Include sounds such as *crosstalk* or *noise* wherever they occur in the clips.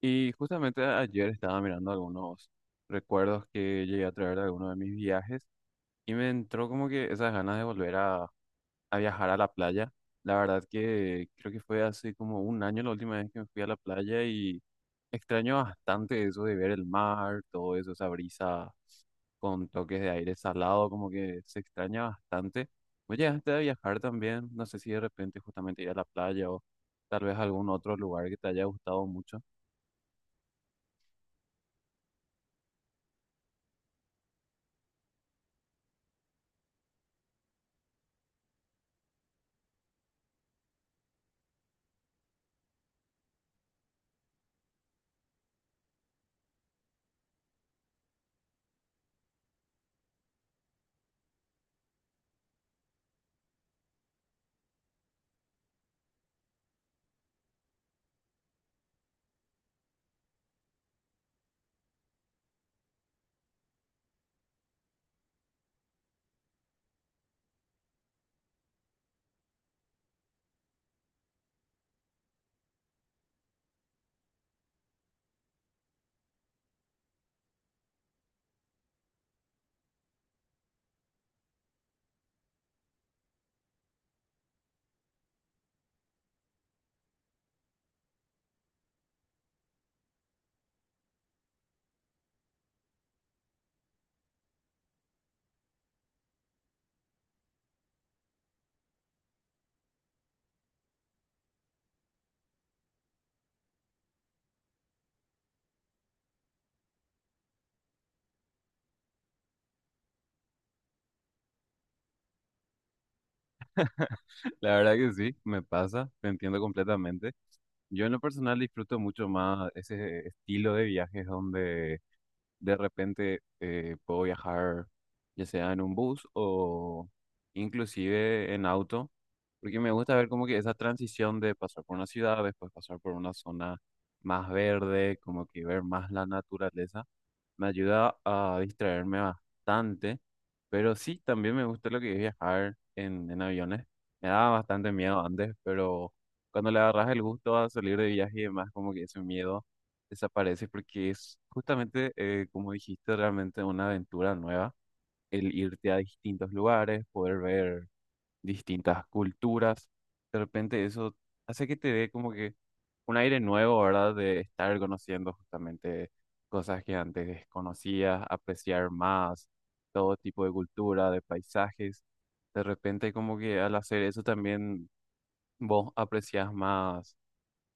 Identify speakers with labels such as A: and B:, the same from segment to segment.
A: Y justamente ayer estaba mirando algunos recuerdos que llegué a traer de algunos de mis viajes y me entró como que esas ganas de volver a viajar a la playa. La verdad que creo que fue hace como un año la última vez que me fui a la playa y extraño bastante eso de ver el mar, todo eso, esa brisa con toques de aire salado, como que se extraña bastante. Oye, antes de viajar también, no sé si de repente justamente ir a la playa o tal vez algún otro lugar que te haya gustado mucho. La verdad que sí, me pasa, te entiendo completamente. Yo en lo personal disfruto mucho más ese estilo de viajes donde de repente puedo viajar ya sea en un bus o inclusive en auto, porque me gusta ver como que esa transición de pasar por una ciudad, después pasar por una zona más verde, como que ver más la naturaleza, me ayuda a distraerme bastante, pero sí, también me gusta lo que es viajar en aviones. Me daba bastante miedo antes, pero cuando le agarras el gusto a salir de viaje y demás, como que ese miedo desaparece porque es justamente, como dijiste, realmente una aventura nueva, el irte a distintos lugares, poder ver distintas culturas, de repente eso hace que te dé como que un aire nuevo, ¿verdad? De estar conociendo justamente cosas que antes desconocías, apreciar más todo tipo de cultura, de paisajes. De repente como que al hacer eso también vos aprecias más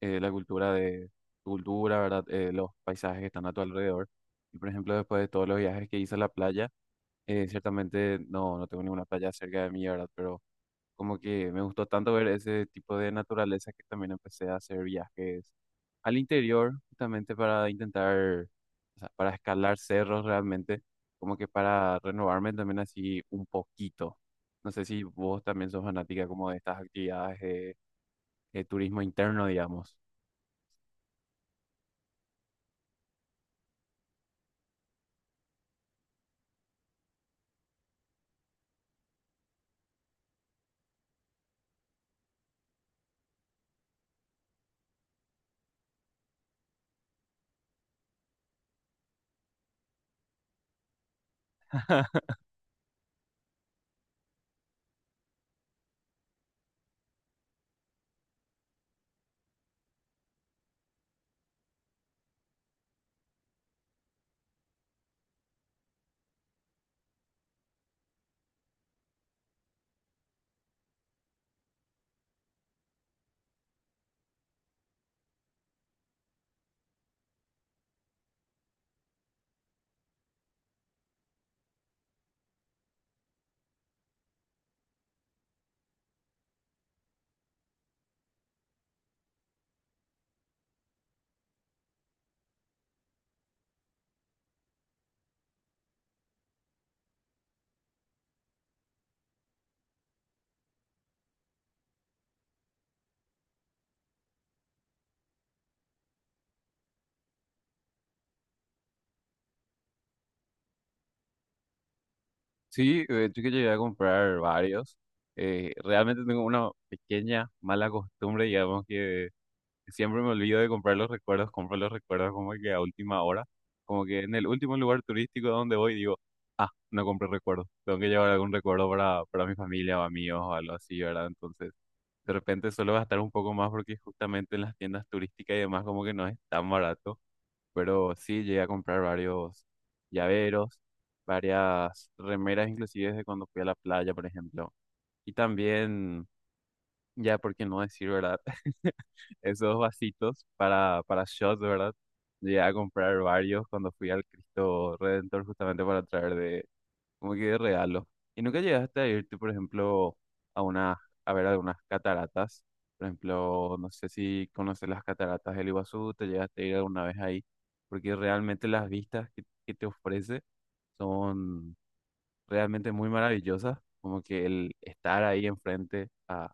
A: la cultura de tu cultura, ¿verdad? Los paisajes que están a tu alrededor. Y por ejemplo, después de todos los viajes que hice a la playa, ciertamente no tengo ninguna playa cerca de mí, ¿verdad? Pero como que me gustó tanto ver ese tipo de naturaleza que también empecé a hacer viajes al interior, justamente para intentar, o sea, para escalar cerros realmente, como que para renovarme también así un poquito. No sé si vos también sos fanática como de estas actividades de turismo interno, digamos. Sí, de hecho que llegué a comprar varios. Realmente tengo una pequeña mala costumbre, digamos, que siempre me olvido de comprar los recuerdos, compro los recuerdos como que a última hora, como que en el último lugar turístico donde voy digo, ah, no compré recuerdos, tengo que llevar algún recuerdo para mi familia o amigos o algo así, ¿verdad? Entonces, de repente suelo gastar un poco más porque justamente en las tiendas turísticas y demás como que no es tan barato, pero sí llegué a comprar varios llaveros, varias remeras, inclusive de cuando fui a la playa, por ejemplo. Y también, ya por qué no decir, ¿verdad? *laughs* Esos vasitos para shots, ¿verdad? Llegué a comprar varios cuando fui al Cristo Redentor justamente para traer de, como que de regalo. ¿Y nunca llegaste a irte, por ejemplo, a una, a ver algunas cataratas? Por ejemplo, no sé si conoces las cataratas del Iguazú, te llegaste a ir alguna vez ahí, porque realmente las vistas que te ofrece son realmente muy maravillosas, como que el estar ahí enfrente a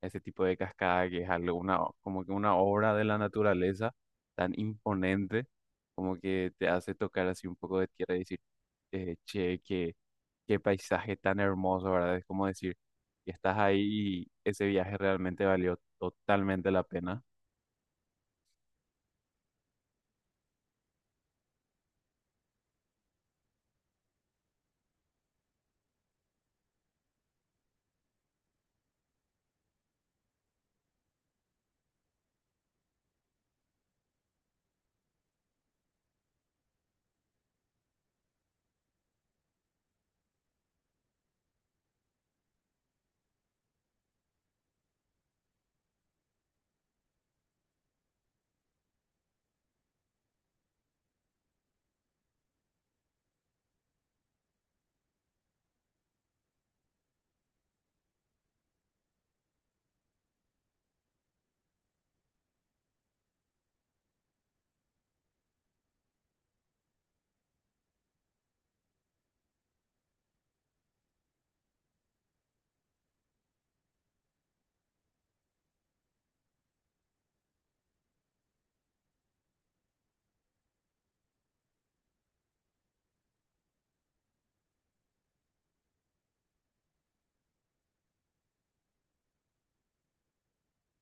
A: ese tipo de cascada que es algo, una, o- como que una obra de la naturaleza tan imponente, como que te hace tocar así un poco de tierra y decir, che, que qué paisaje tan hermoso, ¿verdad? Es como decir, que estás ahí y ese viaje realmente valió totalmente la pena.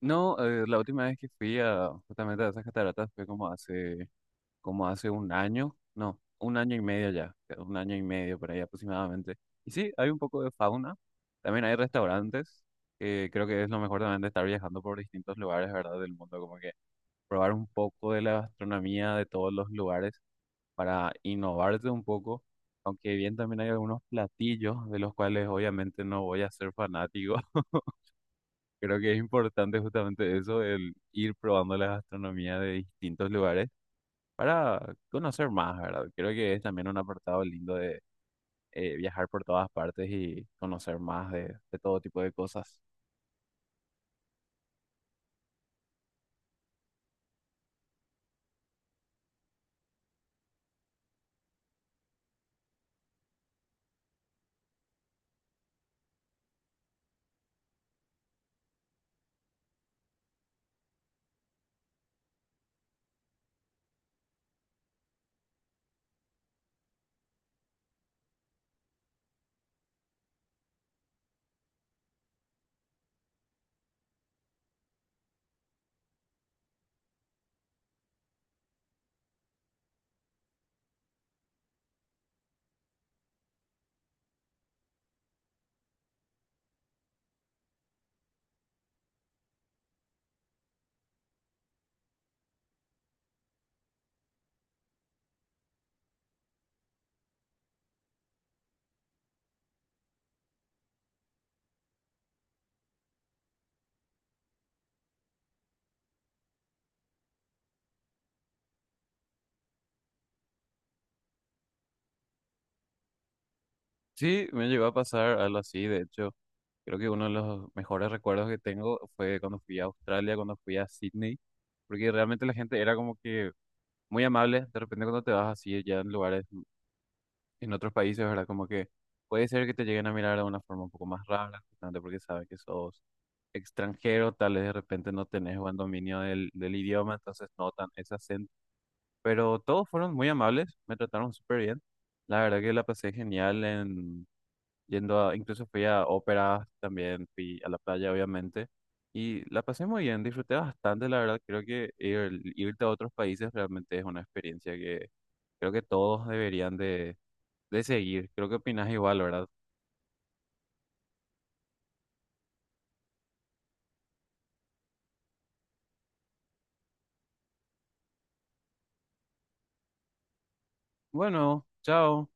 A: No, la última vez que fui a justamente a esas cataratas fue como hace un año, no, un año y medio ya, un año y medio por ahí aproximadamente. Y sí, hay un poco de fauna, también hay restaurantes, que creo que es lo mejor también de estar viajando por distintos lugares, ¿verdad? Del mundo, como que probar un poco de la gastronomía de todos los lugares, para innovarte un poco, aunque bien también hay algunos platillos de los cuales obviamente no voy a ser fanático. *laughs* Creo que es importante justamente eso, el ir probando la gastronomía de distintos lugares para conocer más, ¿verdad? Creo que es también un apartado lindo de viajar por todas partes y conocer más de todo tipo de cosas. Sí, me llegó a pasar algo así, de hecho, creo que uno de los mejores recuerdos que tengo fue cuando fui a Australia, cuando fui a Sydney, porque realmente la gente era como que muy amable. De repente cuando te vas así ya en lugares, en otros países, ¿verdad? Como que puede ser que te lleguen a mirar de una forma un poco más rara, justamente porque saben que sos extranjero, tal vez de repente no tenés buen dominio del idioma, entonces notan ese acento. Pero todos fueron muy amables, me trataron súper bien. La verdad que la pasé genial en yendo a, incluso fui a óperas, también fui a la playa, obviamente. Y la pasé muy bien, disfruté bastante, la verdad. Creo que ir- irte a otros países realmente es una experiencia que creo que todos deberían de seguir. Creo que opinas igual, ¿verdad? Bueno, chao.